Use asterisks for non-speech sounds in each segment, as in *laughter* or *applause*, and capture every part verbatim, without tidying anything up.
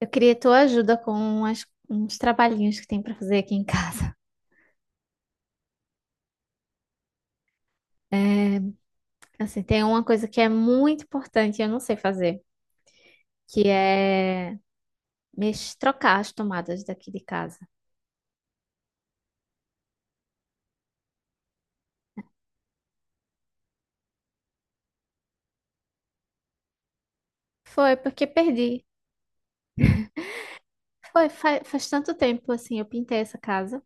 Eu queria tua ajuda com umas- uns trabalhinhos que tem pra fazer aqui em casa. *laughs* É, assim, tem uma coisa que é muito importante e eu não sei fazer, que é mex- trocar as tomadas daqui de casa. Foi porque perdi. Foi fa- faz, tanto tempo assim, eu pintei essa casa.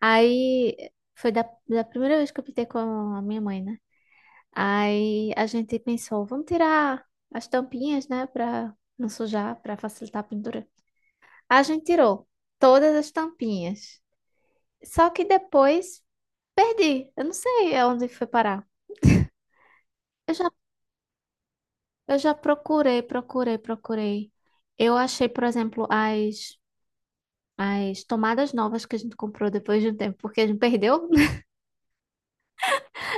Aí foi da, da primeira vez que eu pintei com a minha mãe, né? Aí a gente pensou, vamos tirar as tampinhas, né, pra não sujar, pra facilitar a pintura. A gente tirou todas as tampinhas. Só que depois perdi. Eu não sei aonde foi parar. Eu já, eu já procurei, procurei, procurei. Eu achei, por exemplo, as, as tomadas novas que a gente comprou depois de um tempo, porque a gente perdeu. *laughs*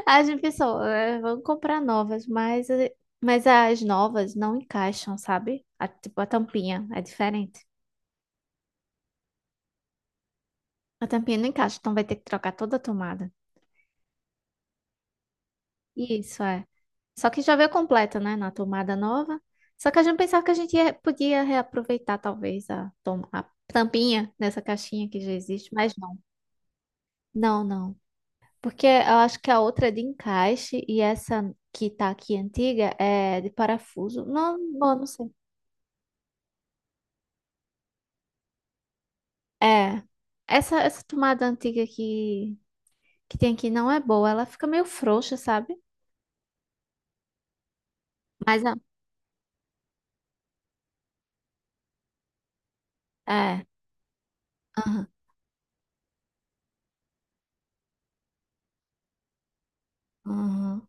A gente pensou, "É, vamos comprar novas, mas, eh, mas as novas não encaixam, sabe?" A- tipo, a tampinha é diferente. A tampinha não encaixa, então vai ter que trocar toda a tomada. Isso, é. Só que já veio completa, né? Na tomada nova. Só que a gente pensava que a gente ia- podia reaproveitar, talvez, a, tom- a tampinha dessa caixinha que já existe, mas não. Não, não. Porque eu acho que a outra é de encaixe e essa que tá aqui antiga é de parafuso. Não, não, não sei. É. Essa, essa tomada antiga que, que tem aqui não é boa. Ela fica meio frouxa, sabe? Mas a- É. Aham. Aham.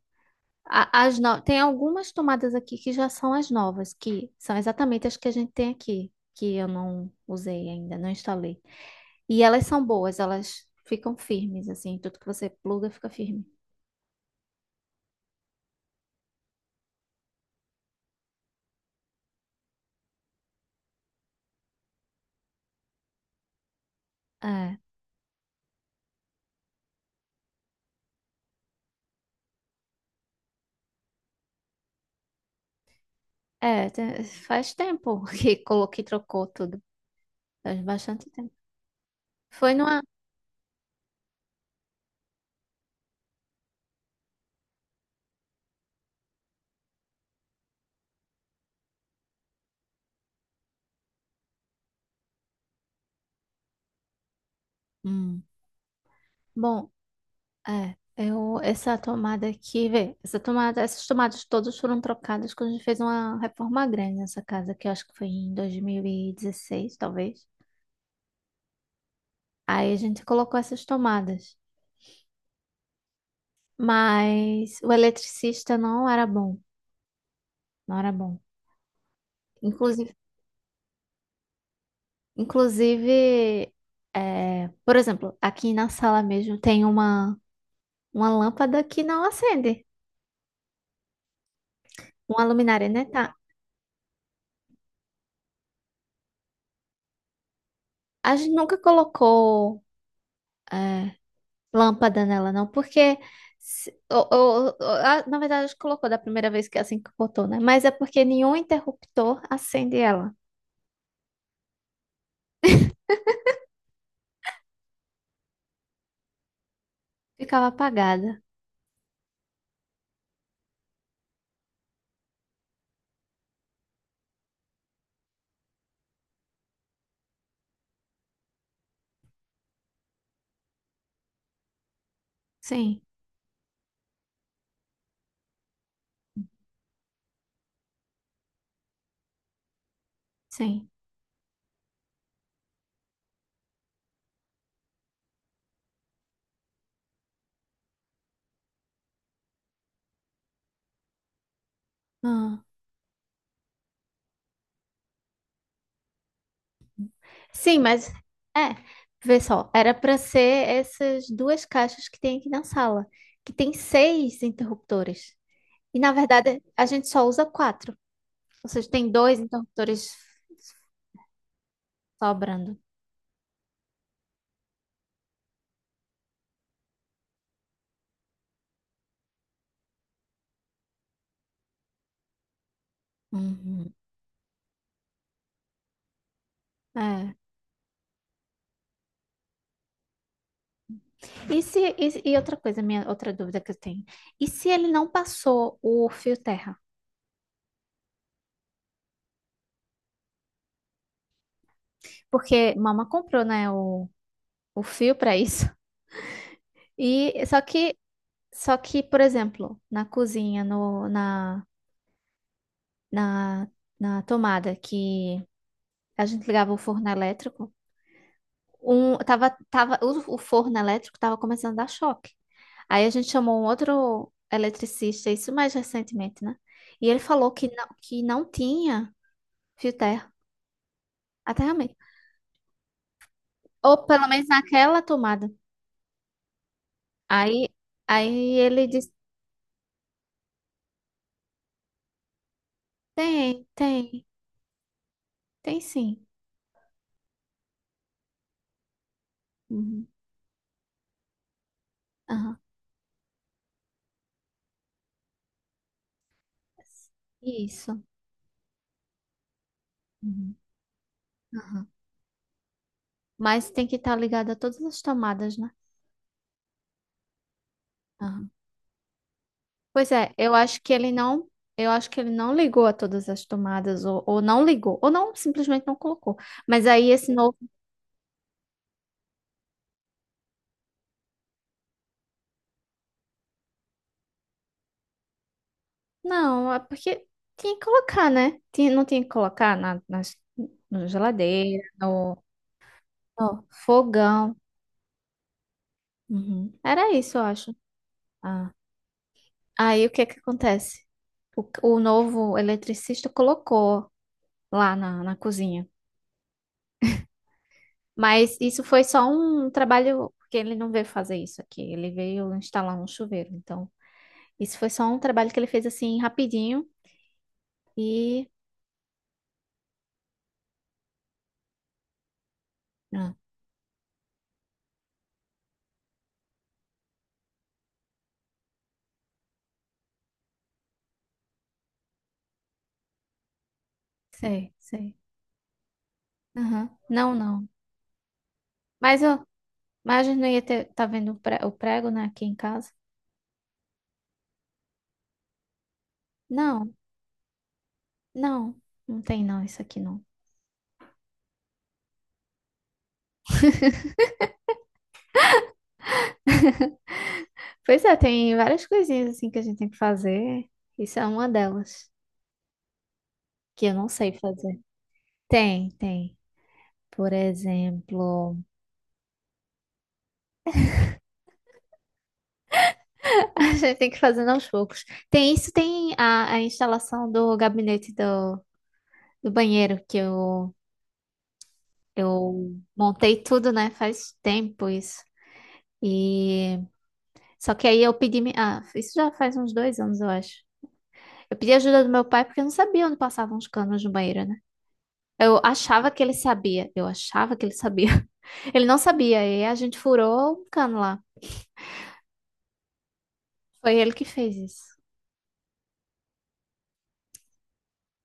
A- As no... Tem algumas tomadas aqui que já são as novas, que são exatamente as que a gente tem aqui, que eu não usei ainda, não instalei. E elas são boas, elas ficam firmes, assim, tudo que você pluga fica firme. É, é, te- Faz tempo *laughs* que coloquei, trocou tudo, faz bastante tempo. Foi numa. Hum. Bom, é, eu, essa tomada aqui, vê, essa tomada, essas tomadas todas foram trocadas quando a gente fez uma reforma grande nessa casa, que eu acho que foi em dois mil e dezesseis, talvez. Aí a gente colocou essas tomadas. Mas o eletricista não era bom. Não era bom. Inclusive, inclusive, é, por exemplo, aqui na sala mesmo tem uma, uma lâmpada que não acende. Uma luminária, né? Tá. A gente nunca colocou é, lâmpada nela, não, porque. Se- o- o- o- a- na verdade, a gente colocou da primeira vez que é assim que botou, né? Mas é porque nenhum interruptor acende ela. Ficava apagada. Sim, sim. Ah. Sim, mas é, vê só, era para ser essas duas caixas que tem aqui na sala, que tem seis interruptores. E na verdade a gente só usa quatro. Ou seja, tem dois interruptores sobrando. Uhum. É. E se, e, e outra coisa, minha outra dúvida que eu tenho. E se ele não passou o fio terra? Porque mama comprou, né, o, o fio para isso. E só que só que, por exemplo, na cozinha, no, na na, na tomada que a gente ligava o forno elétrico, um, tava, tava, o, o forno elétrico estava começando a dar choque. Aí a gente chamou um outro eletricista, isso mais recentemente, né? E ele falou que não, que não tinha fio terra, até realmente. Ou pelo menos naquela tomada. Aí, aí ele disse, tem, tem, tem sim. Uhum. Aham. Isso. Uhum. Aham. Mas tem que estar ligado a todas as tomadas, né? Pois é, eu acho que ele não, eu acho que ele não ligou a todas as tomadas, ou, ou não ligou, ou não, simplesmente não colocou. Mas aí esse novo, não, é porque tinha que colocar, né? Tinha, não tinha que colocar na, nas, na geladeira, no, no fogão. Uhum. Era isso, eu acho. Ah. Aí o que que acontece? O, o novo eletricista colocou lá na, na cozinha. Mas isso foi só um trabalho, porque ele não veio fazer isso aqui, ele veio instalar um chuveiro, então. Isso foi só um trabalho que ele fez assim rapidinho e. Ah, sei, sei. Aham. Não, não. Mas, eu, mas a gente não ia ter, tá vendo o pre- o prego, né, aqui em casa? Não, não. Não tem não, isso aqui não. Pois é, tem várias coisinhas assim que a gente tem que fazer. Isso é uma delas, que eu não sei fazer. Tem, tem. Por exemplo, *laughs* a gente tem que fazer aos poucos. Tem isso, tem a, a instalação do gabinete do, do banheiro, que eu Eu montei tudo, né? Faz tempo isso. E só que aí eu pedi, mi- ah, isso já faz uns dois anos, eu acho. Eu pedi ajuda do meu pai porque eu não sabia onde passavam os canos no banheiro, né? Eu achava que ele sabia, eu achava que ele sabia. *laughs* Ele não sabia, e a gente furou um cano lá. Foi ele que fez isso.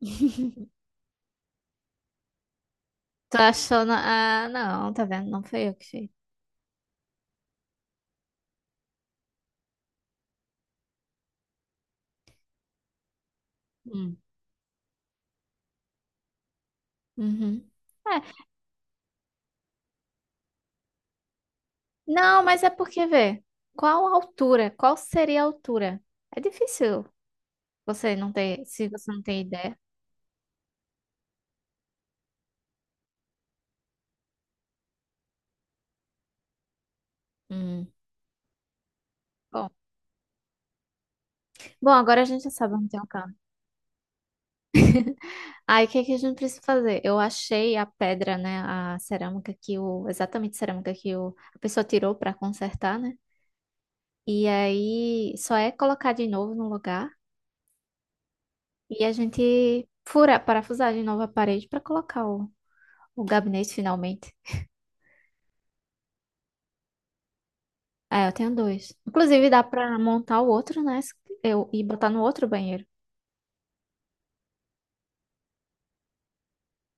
*laughs* Tô achando, ah, não, tá vendo? Não foi eu que fiz. Hum. Uhum. É, Não, mas é porque, vê, qual a altura? Qual seria a altura? É difícil. Você não tem, se você não tem ideia. Hum. Bom, bom, agora a gente já sabe onde tem o canto. Aí, o que que a gente precisa fazer? Eu achei a pedra, né, a cerâmica que o, exatamente a cerâmica que o, a pessoa tirou para consertar, né? E aí, só é colocar de novo no lugar e a gente furar, parafusar de novo a parede para colocar o, o gabinete finalmente. É, eu tenho dois. Inclusive, dá para montar o outro, né? Eu, e botar no outro banheiro.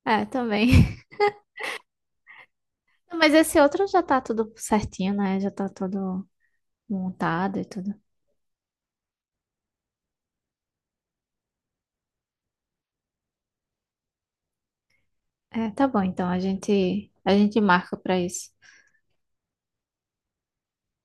É, também. Não, mas esse outro já tá tudo certinho, né? Já tá tudo montado e tudo. É, tá bom, então a gente a gente marca pra isso.